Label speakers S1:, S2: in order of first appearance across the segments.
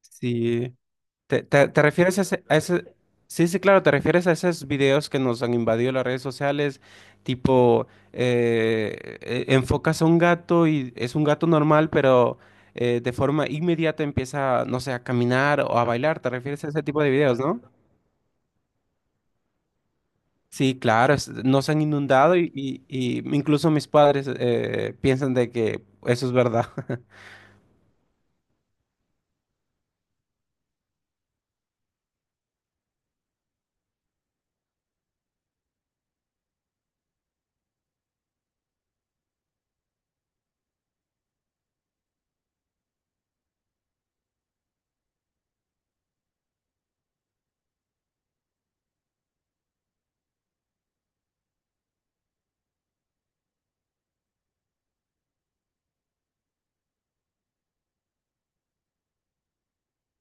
S1: Sí. ¿Te refieres a ese, Sí, sí, claro, te refieres a esos videos que nos han invadido las redes sociales, tipo, enfocas a un gato y es un gato normal, pero de forma inmediata empieza, no sé, a caminar o a bailar. ¿Te refieres a ese tipo de videos, no? Sí, claro, nos han inundado y incluso mis padres piensan de que eso es verdad.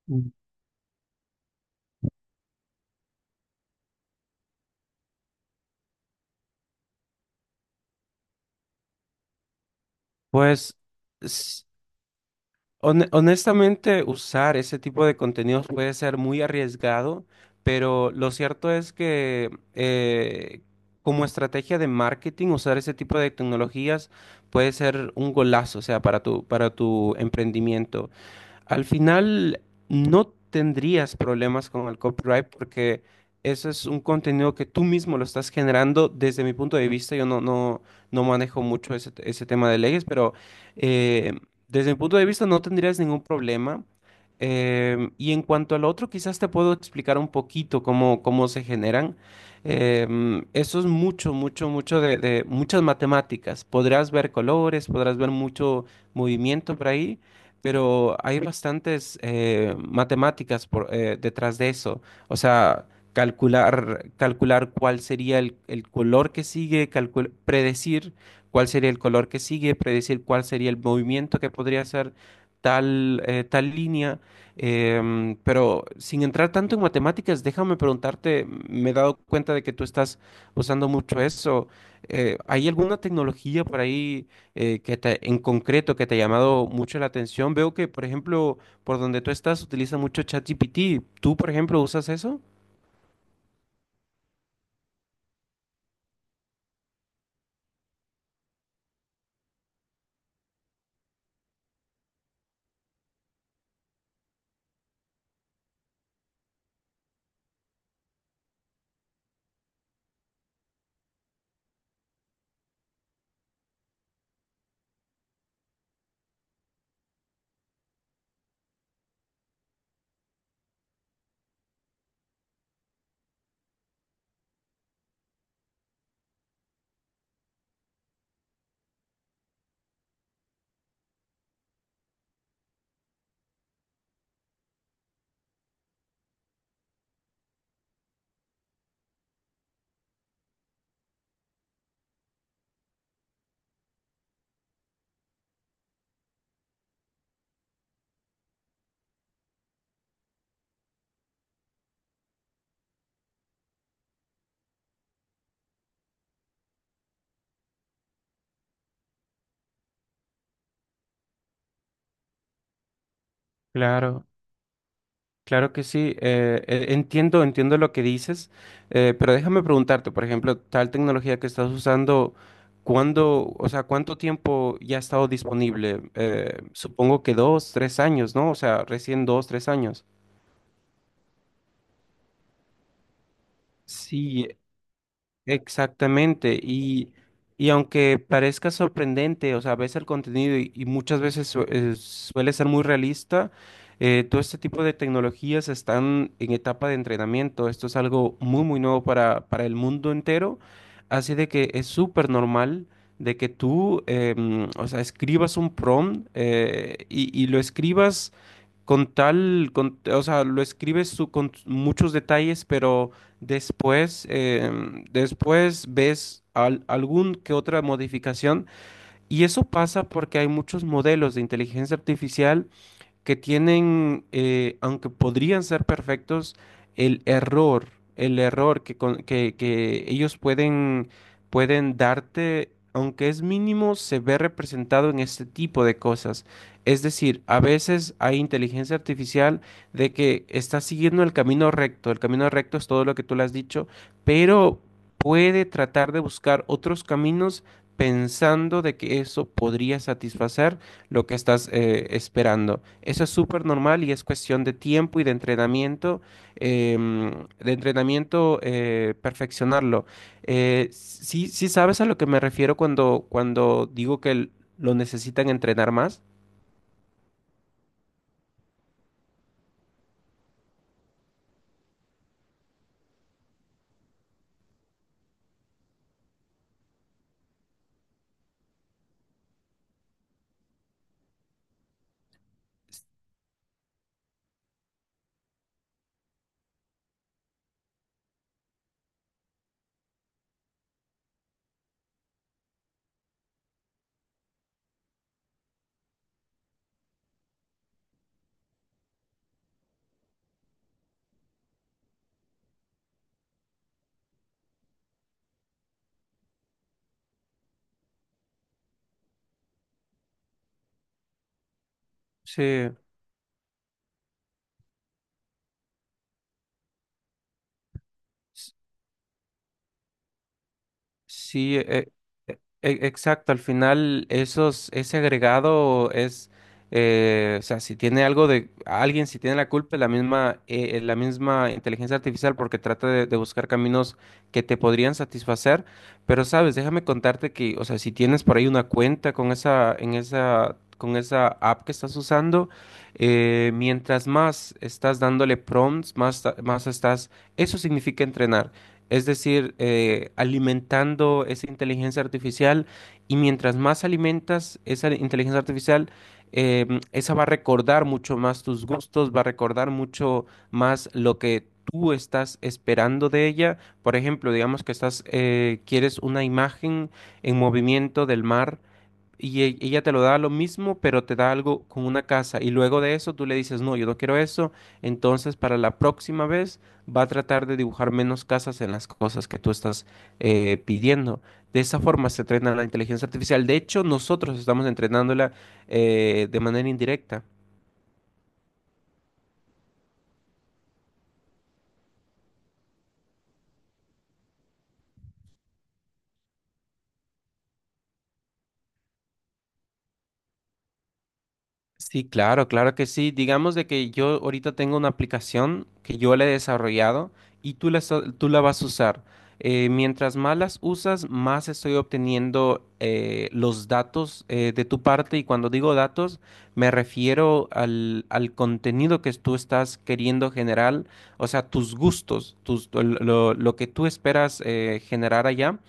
S1: Mm. Pues... Honestamente, usar ese tipo de contenidos puede ser muy arriesgado, pero lo cierto es que como estrategia de marketing, usar ese tipo de tecnologías puede ser un golazo, o sea, para tu emprendimiento. Al final no tendrías problemas con el copyright porque eso es un contenido que tú mismo lo estás generando. Desde mi punto de vista, yo no manejo mucho ese, ese tema de leyes, pero eh, desde mi punto de vista no tendrías ningún problema. Y en cuanto al otro, quizás te puedo explicar un poquito cómo, cómo se generan. Eso es mucho, mucho, mucho de muchas matemáticas. Podrás ver colores, podrás ver mucho movimiento por ahí, pero hay bastantes matemáticas por detrás de eso. O sea, calcular cuál sería el color que sigue, predecir cuál sería el color que sigue, predecir cuál sería el movimiento que podría hacer tal, tal línea. Pero sin entrar tanto en matemáticas, déjame preguntarte, me he dado cuenta de que tú estás usando mucho eso. ¿Hay alguna tecnología por ahí, que en concreto que te ha llamado mucho la atención? Veo que, por ejemplo, por donde tú estás utiliza mucho ChatGPT. ¿Tú, por ejemplo, usas eso? Claro, claro que sí. Entiendo, entiendo lo que dices, pero déjame preguntarte, por ejemplo, tal tecnología que estás usando, ¿cuándo, o sea, cuánto tiempo ya ha estado disponible? Supongo que dos, tres años, ¿no? O sea, recién dos, tres años. Sí, exactamente, y aunque parezca sorprendente, o sea, ves el contenido y muchas veces suele ser muy realista, todo este tipo de tecnologías están en etapa de entrenamiento. Esto es algo muy, muy nuevo para el mundo entero, así de que es súper normal de que tú, o sea, escribas un prompt, y lo escribas con tal, o sea, lo escribes con muchos detalles, pero después, después ves algún que otra modificación y eso pasa porque hay muchos modelos de inteligencia artificial que tienen, aunque podrían ser perfectos, el error, el error que ellos pueden darte, aunque es mínimo, se ve representado en este tipo de cosas. Es decir, a veces hay inteligencia artificial de que está siguiendo el camino recto es todo lo que tú le has dicho, pero puede tratar de buscar otros caminos pensando de que eso podría satisfacer lo que estás esperando. Eso es súper normal y es cuestión de tiempo y de entrenamiento, de entrenamiento, perfeccionarlo. Sí, sí sabes a lo que me refiero cuando, cuando digo que lo necesitan entrenar más. Sí. Sí, exacto. Al final, esos, ese agregado es, o sea, si tiene algo de alguien, si tiene la culpa, es la misma inteligencia artificial, porque trata de buscar caminos que te podrían satisfacer. Pero sabes, déjame contarte que, o sea, si tienes por ahí una cuenta con esa, en esa, con esa app que estás usando, mientras más estás dándole prompts, más, más estás, eso significa entrenar. Es decir, alimentando esa inteligencia artificial y mientras más alimentas esa inteligencia artificial, esa va a recordar mucho más tus gustos, va a recordar mucho más lo que tú estás esperando de ella. Por ejemplo, digamos que estás, quieres una imagen en movimiento del mar y ella te lo da lo mismo, pero te da algo con una casa. Y luego de eso tú le dices, no, yo no quiero eso. Entonces, para la próxima vez va a tratar de dibujar menos casas en las cosas que tú estás pidiendo. De esa forma se entrena la inteligencia artificial. De hecho, nosotros estamos entrenándola, de manera indirecta. Sí, claro, claro que sí. Digamos de que yo ahorita tengo una aplicación que yo la he desarrollado y tú la, tú la vas a usar. Mientras más las usas, más estoy obteniendo, los datos, de tu parte, y cuando digo datos me refiero al contenido que tú estás queriendo generar, o sea, tus gustos, tus, lo que tú esperas generar allá,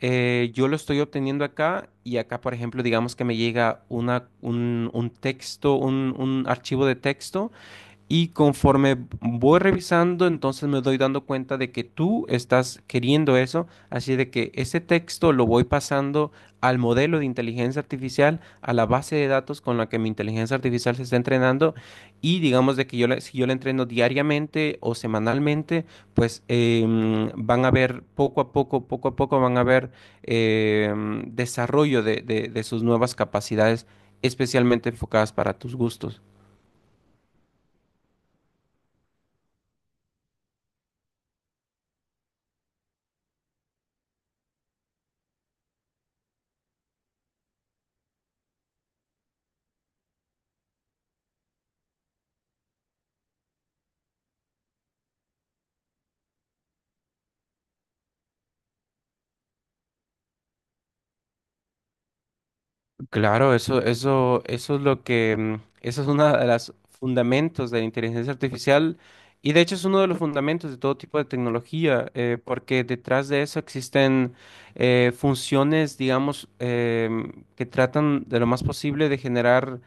S1: yo lo estoy obteniendo acá, y acá, por ejemplo, digamos que me llega un texto, un archivo de texto y conforme voy revisando, entonces me doy dando cuenta de que tú estás queriendo eso, así de que ese texto lo voy pasando al modelo de inteligencia artificial, a la base de datos con la que mi inteligencia artificial se está entrenando, y digamos de que yo si yo la entreno diariamente o semanalmente, pues van a ver poco a poco van a ver, desarrollo de de sus nuevas capacidades, especialmente enfocadas para tus gustos. Claro, eso es lo que, eso es uno de los fundamentos de la inteligencia artificial, y de hecho es uno de los fundamentos de todo tipo de tecnología, porque detrás de eso existen funciones, digamos, que tratan de lo más posible de generar,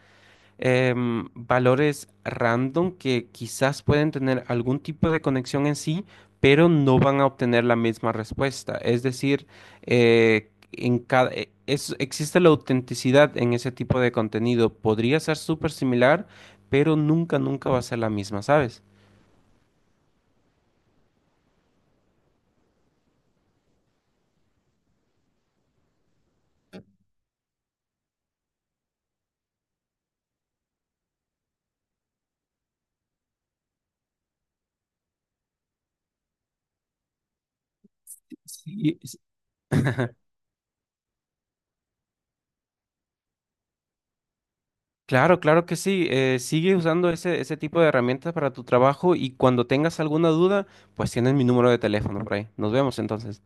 S1: valores random que quizás pueden tener algún tipo de conexión en sí, pero no van a obtener la misma respuesta. Es decir, en cada, existe la autenticidad en ese tipo de contenido. Podría ser súper similar, pero nunca, nunca va a ser la misma, ¿sabes? Sí, es- Claro, claro que sí. Sigue usando ese, ese tipo de herramientas para tu trabajo y cuando tengas alguna duda, pues tienes mi número de teléfono por ahí. Nos vemos entonces.